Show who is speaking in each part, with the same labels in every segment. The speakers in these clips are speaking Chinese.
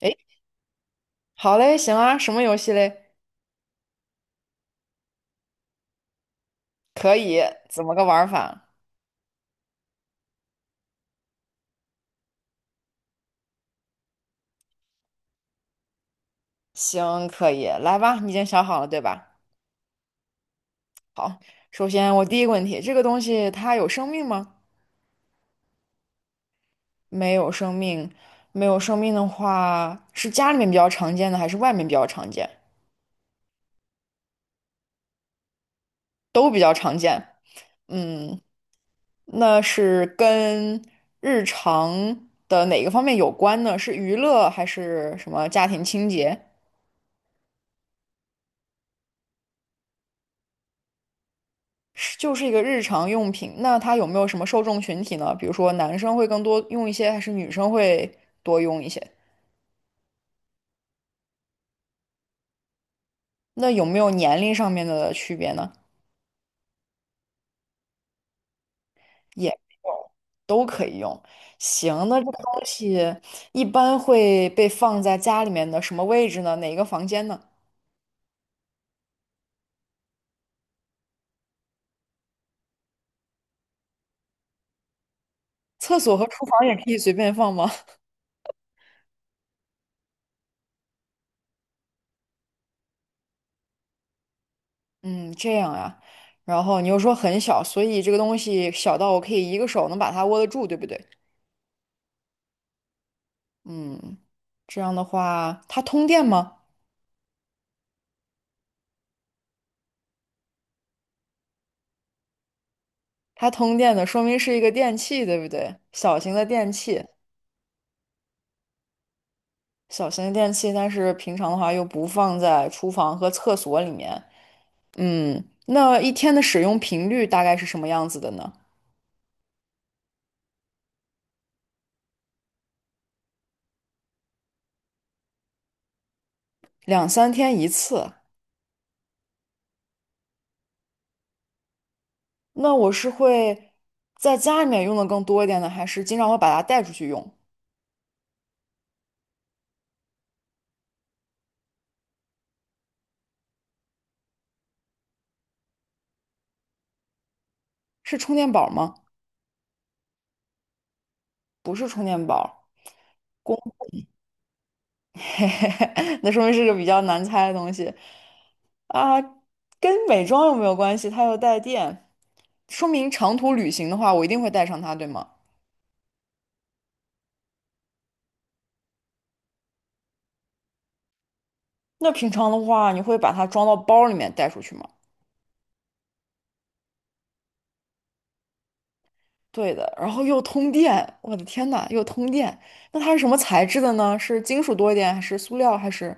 Speaker 1: 诶，好嘞，行啊，什么游戏嘞？可以，怎么个玩儿法？行，可以，来吧，你已经想好了对吧？好，首先我第一个问题，这个东西它有生命吗？没有生命，没有生命的话，是家里面比较常见的，还是外面比较常见？都比较常见。嗯，那是跟日常的哪个方面有关呢？是娱乐还是什么家庭清洁？就是一个日常用品。那它有没有什么受众群体呢？比如说男生会更多用一些，还是女生会多用一些？那有没有年龄上面的区别呢？也没有，都可以用。行，那这个东西一般会被放在家里面的什么位置呢？哪一个房间呢？厕所和厨房也可以随便放吗？嗯，这样呀。然后你又说很小，所以这个东西小到我可以一个手能把它握得住，对不对？嗯，这样的话，它通电吗？它通电的，说明是一个电器，对不对？小型的电器，小型的电器，但是平常的话又不放在厨房和厕所里面。嗯，那一天的使用频率大概是什么样子的呢？两三天一次。那我是会在家里面用的更多一点呢，还是经常会把它带出去用？是充电宝吗？不是充电宝，公，那说明是个比较难猜的东西。啊，跟美妆又没有关系，它又带电，说明长途旅行的话，我一定会带上它，对吗？那平常的话，你会把它装到包里面带出去吗？对的，然后又通电，我的天呐，又通电。那它是什么材质的呢？是金属多一点，还是塑料，还是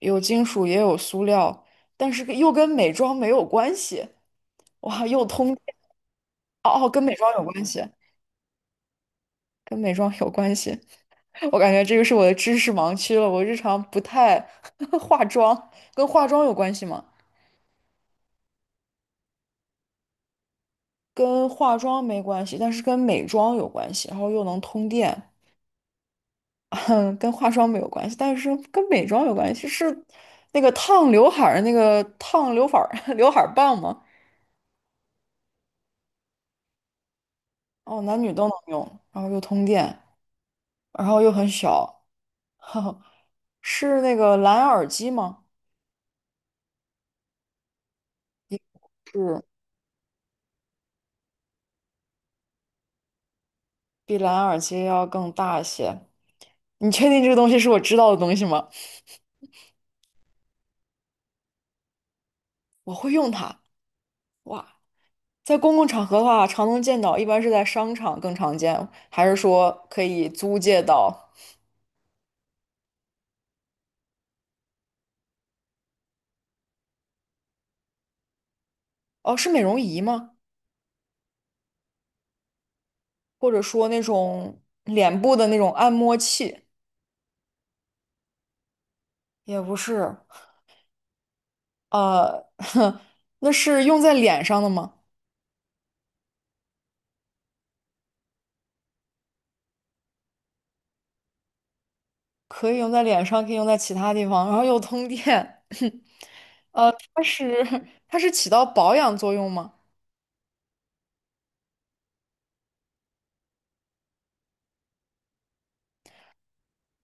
Speaker 1: 有金属也有塑料，但是又跟美妆没有关系。哇，又通电，哦哦，跟美妆有关系，跟美妆有关系。我感觉这个是我的知识盲区了。我日常不太 化妆，跟化妆有关系吗？跟化妆没关系，但是跟美妆有关系，然后又能通电，跟化妆没有关系，但是跟美妆有关系，是那个烫刘海儿刘海儿棒吗？哦，男女都能用，然后又通电，然后又很小，是那个蓝牙耳机吗？是，比蓝牙耳机要更大一些。你确定这个东西是我知道的东西吗？我会用它。哇，在公共场合的话，常能见到，一般是在商场更常见，还是说可以租借到？哦，是美容仪吗？或者说那种脸部的那种按摩器？也不是，呃，那是用在脸上的吗？可以用在脸上，可以用在其他地方，然后又通电。它是它是起到保养作用吗？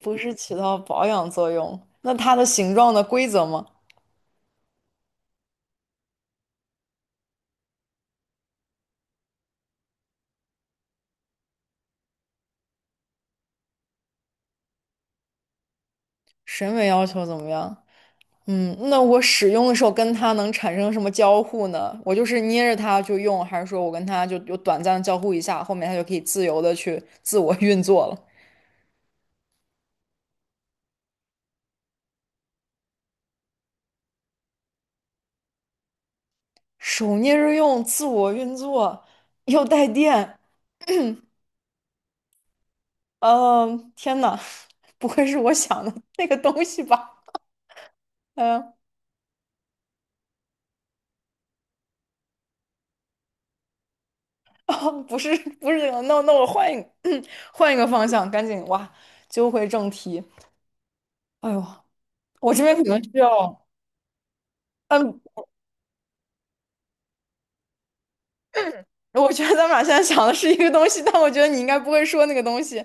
Speaker 1: 不是起到保养作用，那它的形状的规则吗？审美要求怎么样？嗯，那我使用的时候跟它能产生什么交互呢？我就是捏着它就用，还是说我跟它就有短暂的交互一下，后面它就可以自由的去自我运作了？手捏着用，自我运作，又带电，嗯、天呐，不会是我想的那个东西吧？嗯、哦，不是，不是这个，那我换一个，换一个方向，赶紧哇，揪回正题。哎呦，我这边可能需要。嗯。我觉得咱们俩现在想的是一个东西，但我觉得你应该不会说那个东西，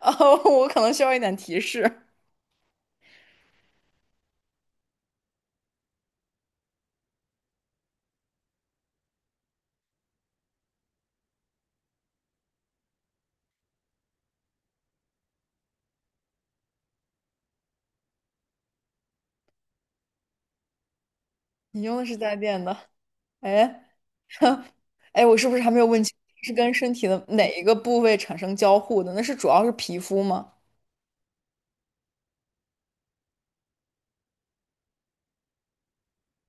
Speaker 1: 呃，我可能需要一点提示。你用的是带电的，哎，哎，我是不是还没有问清，是跟身体的哪一个部位产生交互的？那是主要是皮肤吗？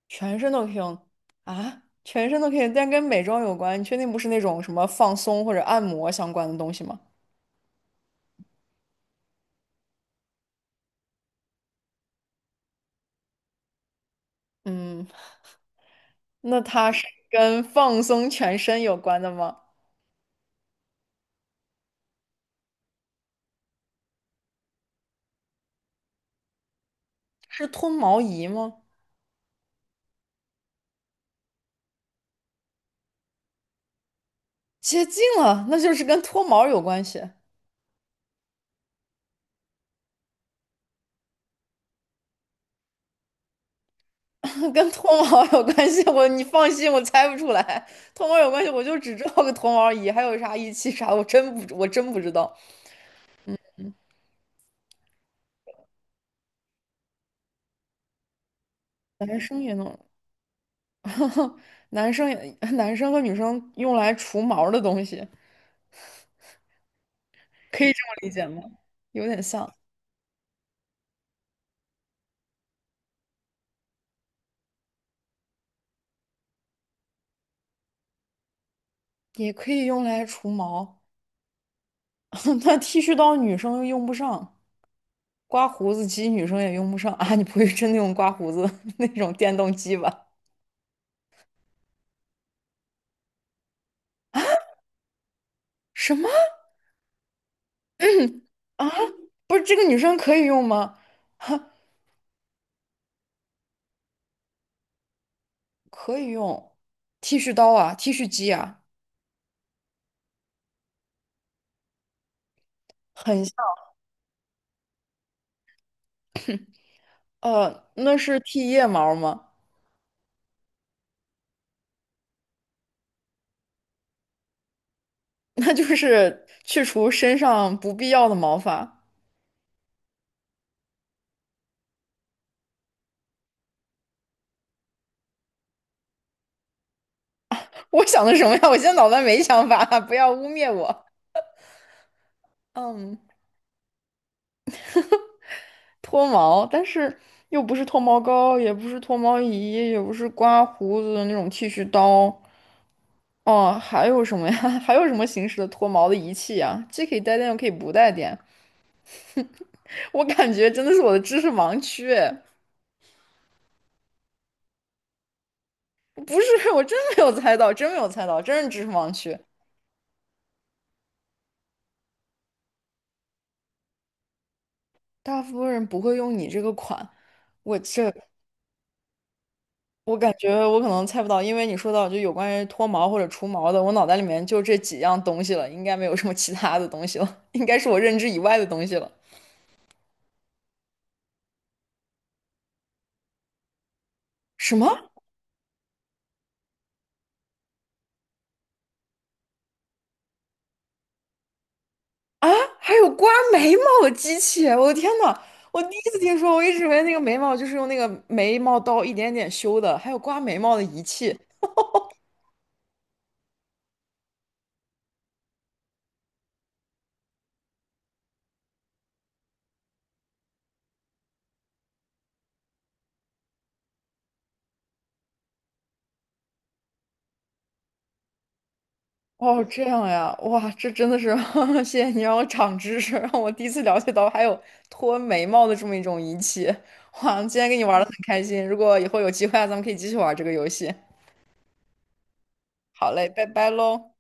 Speaker 1: 全身都可以用啊？全身都可以，但跟美妆有关，你确定不是那种什么放松或者按摩相关的东西吗？嗯，那它是跟放松全身有关的吗？是脱毛仪吗？接近了，那就是跟脱毛有关系，跟脱毛有关系。我你放心，我猜不出来，脱毛有关系，我就只知道个脱毛仪，还有啥仪器啥，的，我真不知道。男生也弄，男生也 男生和女生用来除毛的东西，可以这么理解吗？有点像，也可以用来除毛。那剃须刀女生又用不上，刮胡子机女生也用不上 啊。你不会真的用刮胡子 那种电动机吧？什么？啊，不是这个女生可以用吗？哈，可以用剃须刀啊，剃须机啊，很像。那是剃腋毛吗？那就是去除身上不必要的毛发。我想的什么呀？我现在脑袋没想法，不要污蔑我。嗯，脱毛，但是又不是脱毛膏，也不是脱毛仪，也不是刮胡子的那种剃须刀。哦，还有什么呀？还有什么形式的脱毛的仪器呀？既可以带电，又可以不带电。我感觉真的是我的知识盲区，哎不是，我真没有猜到，真没有猜到，真是知识盲区。大部分人不会用你这个款，我这我感觉我可能猜不到，因为你说到就有关于脱毛或者除毛的，我脑袋里面就这几样东西了，应该没有什么其他的东西了，应该是我认知以外的东西了。什么啊？还有刮眉毛的机器哎？我的天呐，我第一次听说，我一直以为那个眉毛就是用那个眉毛刀一点点修的，还有刮眉毛的仪器。哦，这样呀，哇，这真的是，谢谢你让我长知识，让我第一次了解到还有脱眉毛的这么一种仪器。哇，今天跟你玩的很开心，如果以后有机会啊，咱们可以继续玩这个游戏。好嘞，拜拜喽。